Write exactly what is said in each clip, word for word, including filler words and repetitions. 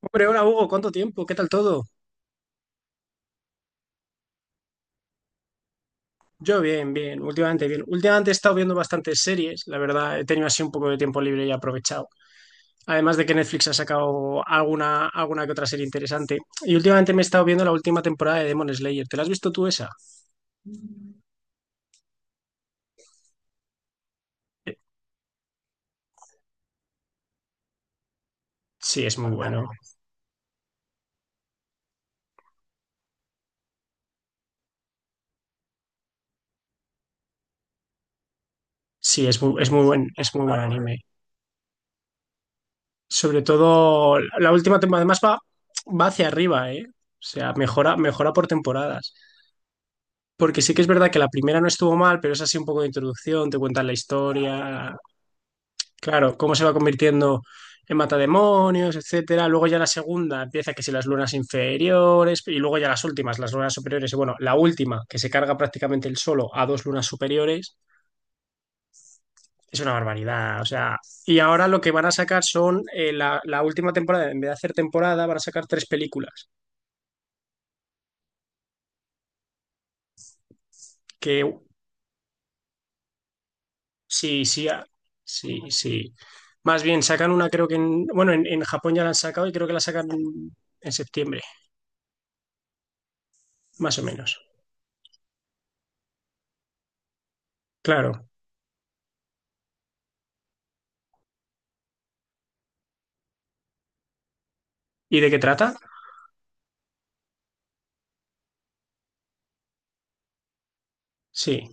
Hombre, hola Hugo, ¿cuánto tiempo? ¿Qué tal todo? Yo bien, bien, últimamente bien. Últimamente he estado viendo bastantes series, la verdad, he tenido así un poco de tiempo libre y he aprovechado. Además de que Netflix ha sacado alguna, alguna que otra serie interesante. Y últimamente me he estado viendo la última temporada de Demon Slayer. ¿Te la has visto tú esa? Sí, es muy bueno. Sí, es muy, es muy buen, es muy buen anime. Sobre todo la última temporada, además va, va hacia arriba, ¿eh? O sea, mejora, mejora por temporadas. Porque sí que es verdad que la primera no estuvo mal, pero es así un poco de introducción, te cuentan la historia. Claro, cómo se va convirtiendo en matademonios, etcétera. Luego ya la segunda empieza que si las lunas inferiores, y luego ya las últimas, las lunas superiores, y bueno, la última, que se carga prácticamente el solo a dos lunas superiores, es una barbaridad. O sea, y ahora lo que van a sacar son eh, la, la última temporada, en vez de hacer temporada, van a sacar tres películas. Que sí, sí, ah, sí, sí. Más bien, sacan una, creo que en, bueno, en, en Japón ya la han sacado y creo que la sacan en septiembre, más o menos. Claro. ¿Y de qué trata? Sí,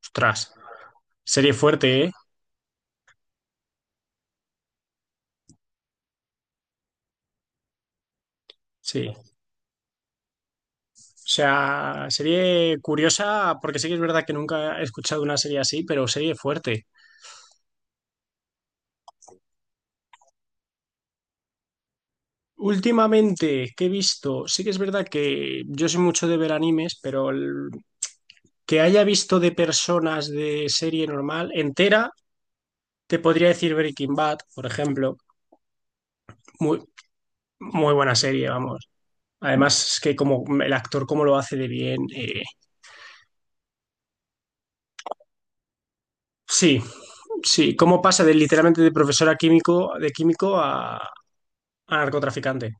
ostras. Serie fuerte, ¿eh? Sí. O sea, serie curiosa, porque sí que es verdad que nunca he escuchado una serie así, pero serie fuerte. Últimamente, ¿qué he visto? Sí que es verdad que yo soy mucho de ver animes, pero el que haya visto de personas de serie normal entera, te podría decir Breaking Bad, por ejemplo. Muy, muy buena serie, vamos. Además, es que como el actor, cómo lo hace de bien. eh, sí, Sí, ¿cómo pasa de literalmente de profesora químico, de químico a, a narcotraficante?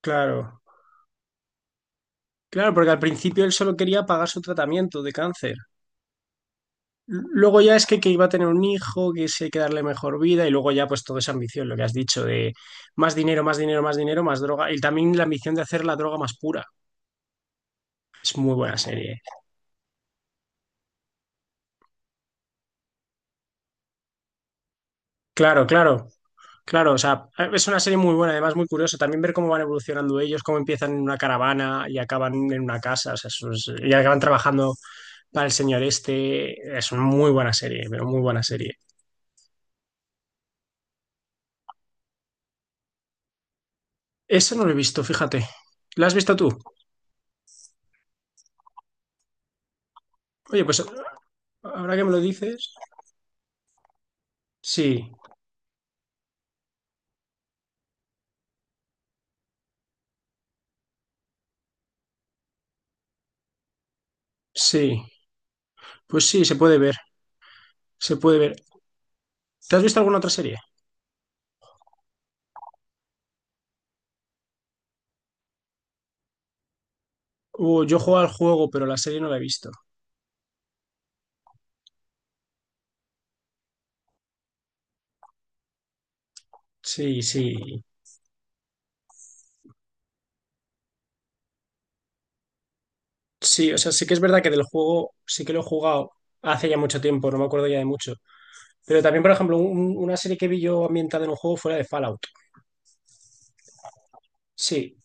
Claro, claro, porque al principio él solo quería pagar su tratamiento de cáncer. L- Luego ya es que, que iba a tener un hijo, que sí hay que darle mejor vida y luego ya pues toda esa ambición, lo que has dicho, de más dinero, más dinero, más dinero, más droga y también la ambición de hacer la droga más pura. Es muy buena serie. Claro, claro, claro, o sea, es una serie muy buena, además muy curioso también ver cómo van evolucionando ellos, cómo empiezan en una caravana y acaban en una casa, o sea, eso es- y acaban trabajando para el señor este. Es una muy buena serie, pero muy buena serie. Esa no la he visto, fíjate. ¿La has visto tú? Oye, pues ahora que me lo dices. Sí, sí. Pues sí, se puede ver. Se puede ver. ¿Te has visto alguna otra serie? Uh, yo juego al juego, pero la serie no la he visto. Sí, sí. Sí, o sea, sí que es verdad que del juego sí que lo he jugado hace ya mucho tiempo, no me acuerdo ya de mucho. Pero también, por ejemplo, un- una serie que vi yo ambientada en un juego fuera de Fallout. Sí,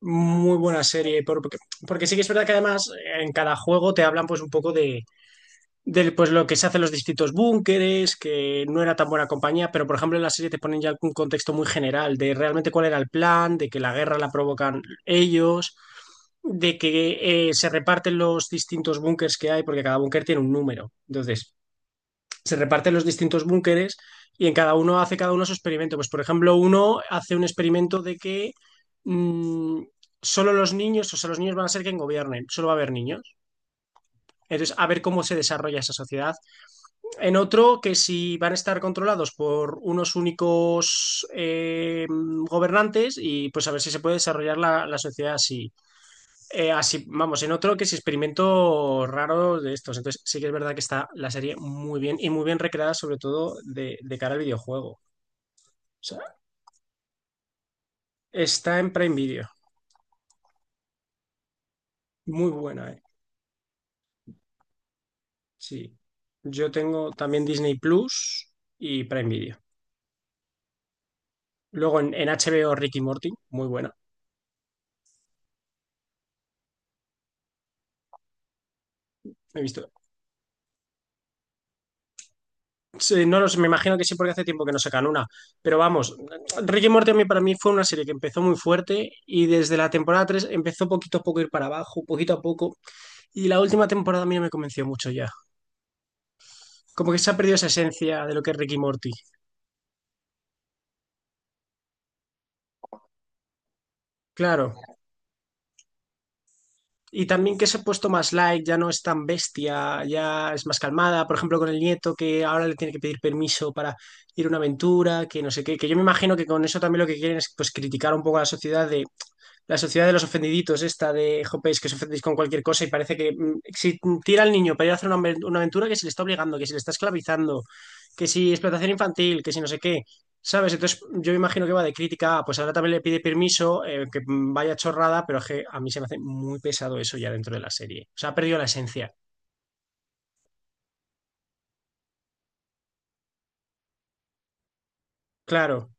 muy buena serie, por- porque, porque sí que es verdad que además en cada juego te hablan pues un poco de, del, pues lo que se hace en los distintos búnkeres, que no era tan buena compañía, pero por ejemplo en la serie te ponen ya un contexto muy general de realmente cuál era el plan, de que la guerra la provocan ellos, de que eh, se reparten los distintos búnkers que hay, porque cada búnker tiene un número. Entonces, se reparten los distintos búnkeres y en cada uno hace cada uno su experimento. Pues, por ejemplo, uno hace un experimento de que mm, solo los niños, o sea, los niños van a ser quien gobiernen, solo va a haber niños. Entonces, a ver cómo se desarrolla esa sociedad. En otro, que si van a estar controlados por unos únicos eh, gobernantes y pues a ver si se puede desarrollar la, la sociedad así. Eh, así, vamos, en otro que es experimento raro de estos. Entonces, sí que es verdad que está la serie muy bien y muy bien recreada, sobre todo de, de cara al videojuego. O sea, está en Prime Video. Muy buena, eh. Sí. Yo tengo también Disney Plus y Prime Video. Luego en, en H B O Ricky Morty, muy buena. He visto. Sí, no los, me imagino que sí, porque hace tiempo que no sacan una. Pero vamos, Ricky Morty a mí, para mí fue una serie que empezó muy fuerte y desde la temporada tres empezó poquito a poco a ir para abajo, poquito a poco. Y la última temporada a mí no me convenció mucho ya. Como que se ha perdido esa esencia de lo que es Ricky Morty. Claro. Y también que se ha puesto más light, ya no es tan bestia, ya es más calmada. Por ejemplo, con el nieto que ahora le tiene que pedir permiso para ir a una aventura, que no sé qué. Que yo me imagino que con eso también lo que quieren es pues criticar un poco a la sociedad de la sociedad de los ofendiditos, esta de jopéis que os ofendéis con cualquier cosa y parece que mm, si tira al niño para ir a hacer una, aven- una aventura que se le está obligando, que se le está esclavizando, que si explotación infantil, que si no sé qué, ¿sabes? Entonces yo me imagino que va de crítica, ah, pues ahora también le pide permiso, eh, que mm, vaya chorrada, pero es que a mí se me hace muy pesado eso ya dentro de la serie. O sea, ha perdido la esencia. Claro,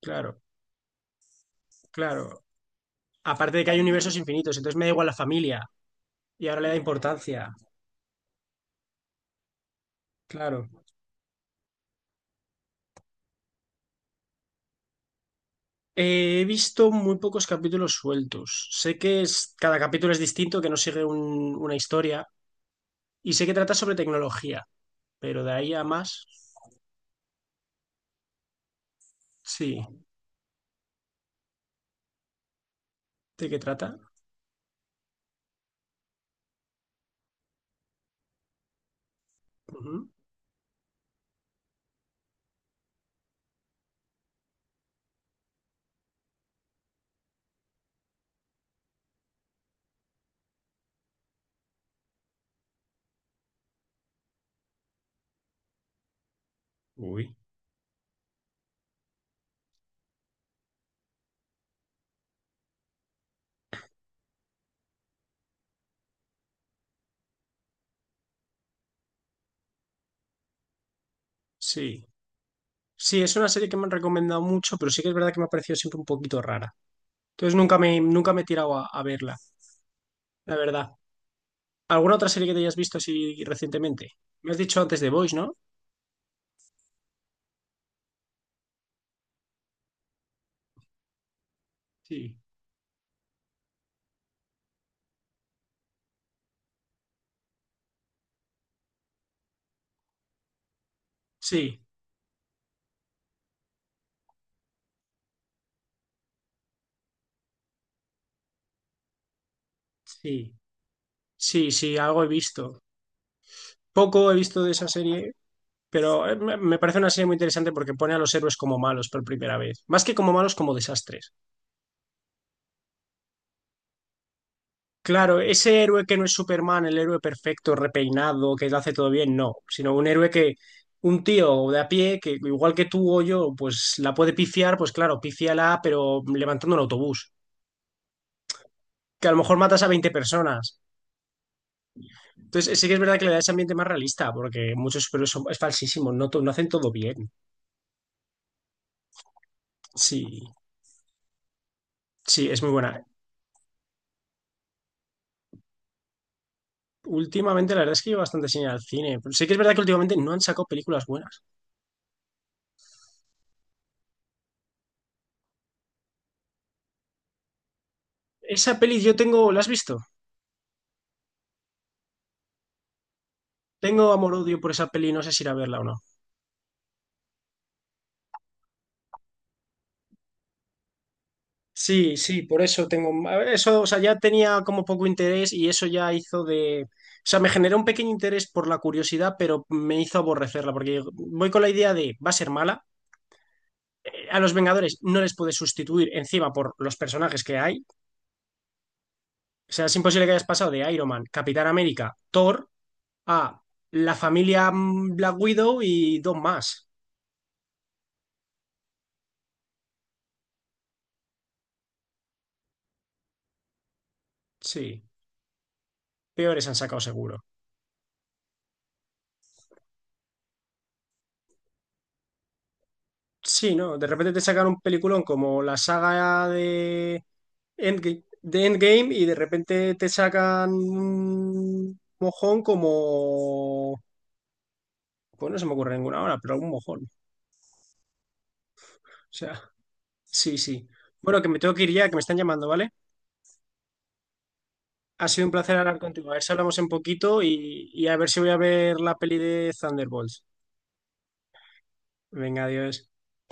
claro, claro. Aparte de que hay universos infinitos, entonces me da igual la familia y ahora le da importancia. Claro. Eh, he visto muy pocos capítulos sueltos. Sé que es, cada capítulo es distinto, que no sigue un- una historia. Y sé que trata sobre tecnología, pero de ahí a más, sí. ¿De qué trata? Ujú. Uy. Sí. Sí, es una serie que me han recomendado mucho, pero sí que es verdad que me ha parecido siempre un poquito rara. Entonces nunca me, nunca me he tirado a, a verla, la verdad. ¿Alguna otra serie que te hayas visto así recientemente? Me has dicho antes de Boys, ¿no? Sí. Sí, sí, sí, sí, algo he visto. Poco he visto de esa serie. Pero eh, me me parece una serie muy interesante porque pone a los héroes como malos por primera vez. Más que como malos, como desastres. Claro, ese héroe que no es Superman, el héroe perfecto, repeinado, que lo hace todo bien, no. Sino un héroe que, un tío de a pie, que igual que tú o yo, pues la puede pifiar, pues claro, pífiala, pero levantando un autobús. Que a lo mejor matas a veinte personas. Entonces, sí que es verdad que le da ese ambiente más realista, porque muchos superhéroes son- es falsísimo, no, to- no hacen todo bien. Sí, sí, es muy buena. Últimamente, la verdad es que yo bastante sin ir al cine. Pero sí que es verdad que últimamente no han sacado películas buenas. Esa peli yo tengo, ¿la has visto? Tengo amor-odio por esa peli, no sé si ir a verla o no. Sí, sí, por eso tengo. A ver, eso, o sea, ya tenía como poco interés y eso ya hizo de. O sea, me generó un pequeño interés por la curiosidad, pero me hizo aborrecerla, porque voy con la idea de va a ser mala. eh, A los Vengadores no les puedes sustituir encima por los personajes que hay. O sea, es imposible que hayas pasado de Iron Man, Capitán América, Thor, ah, la familia mm, Black Widow y dos más. Sí, peores han sacado seguro. Sí, ¿no? De repente te sacan un peliculón como la saga de Endgame, de Endgame y de repente te sacan un mojón como... Pues no se me ocurre ninguna ahora, pero algún mojón. O sea, sí, sí. Bueno, que me tengo que ir ya, que me están llamando, ¿vale? Ha sido un placer hablar contigo. A ver si hablamos en poquito y, y a ver si voy a ver la peli de Thunderbolts. Venga, adiós.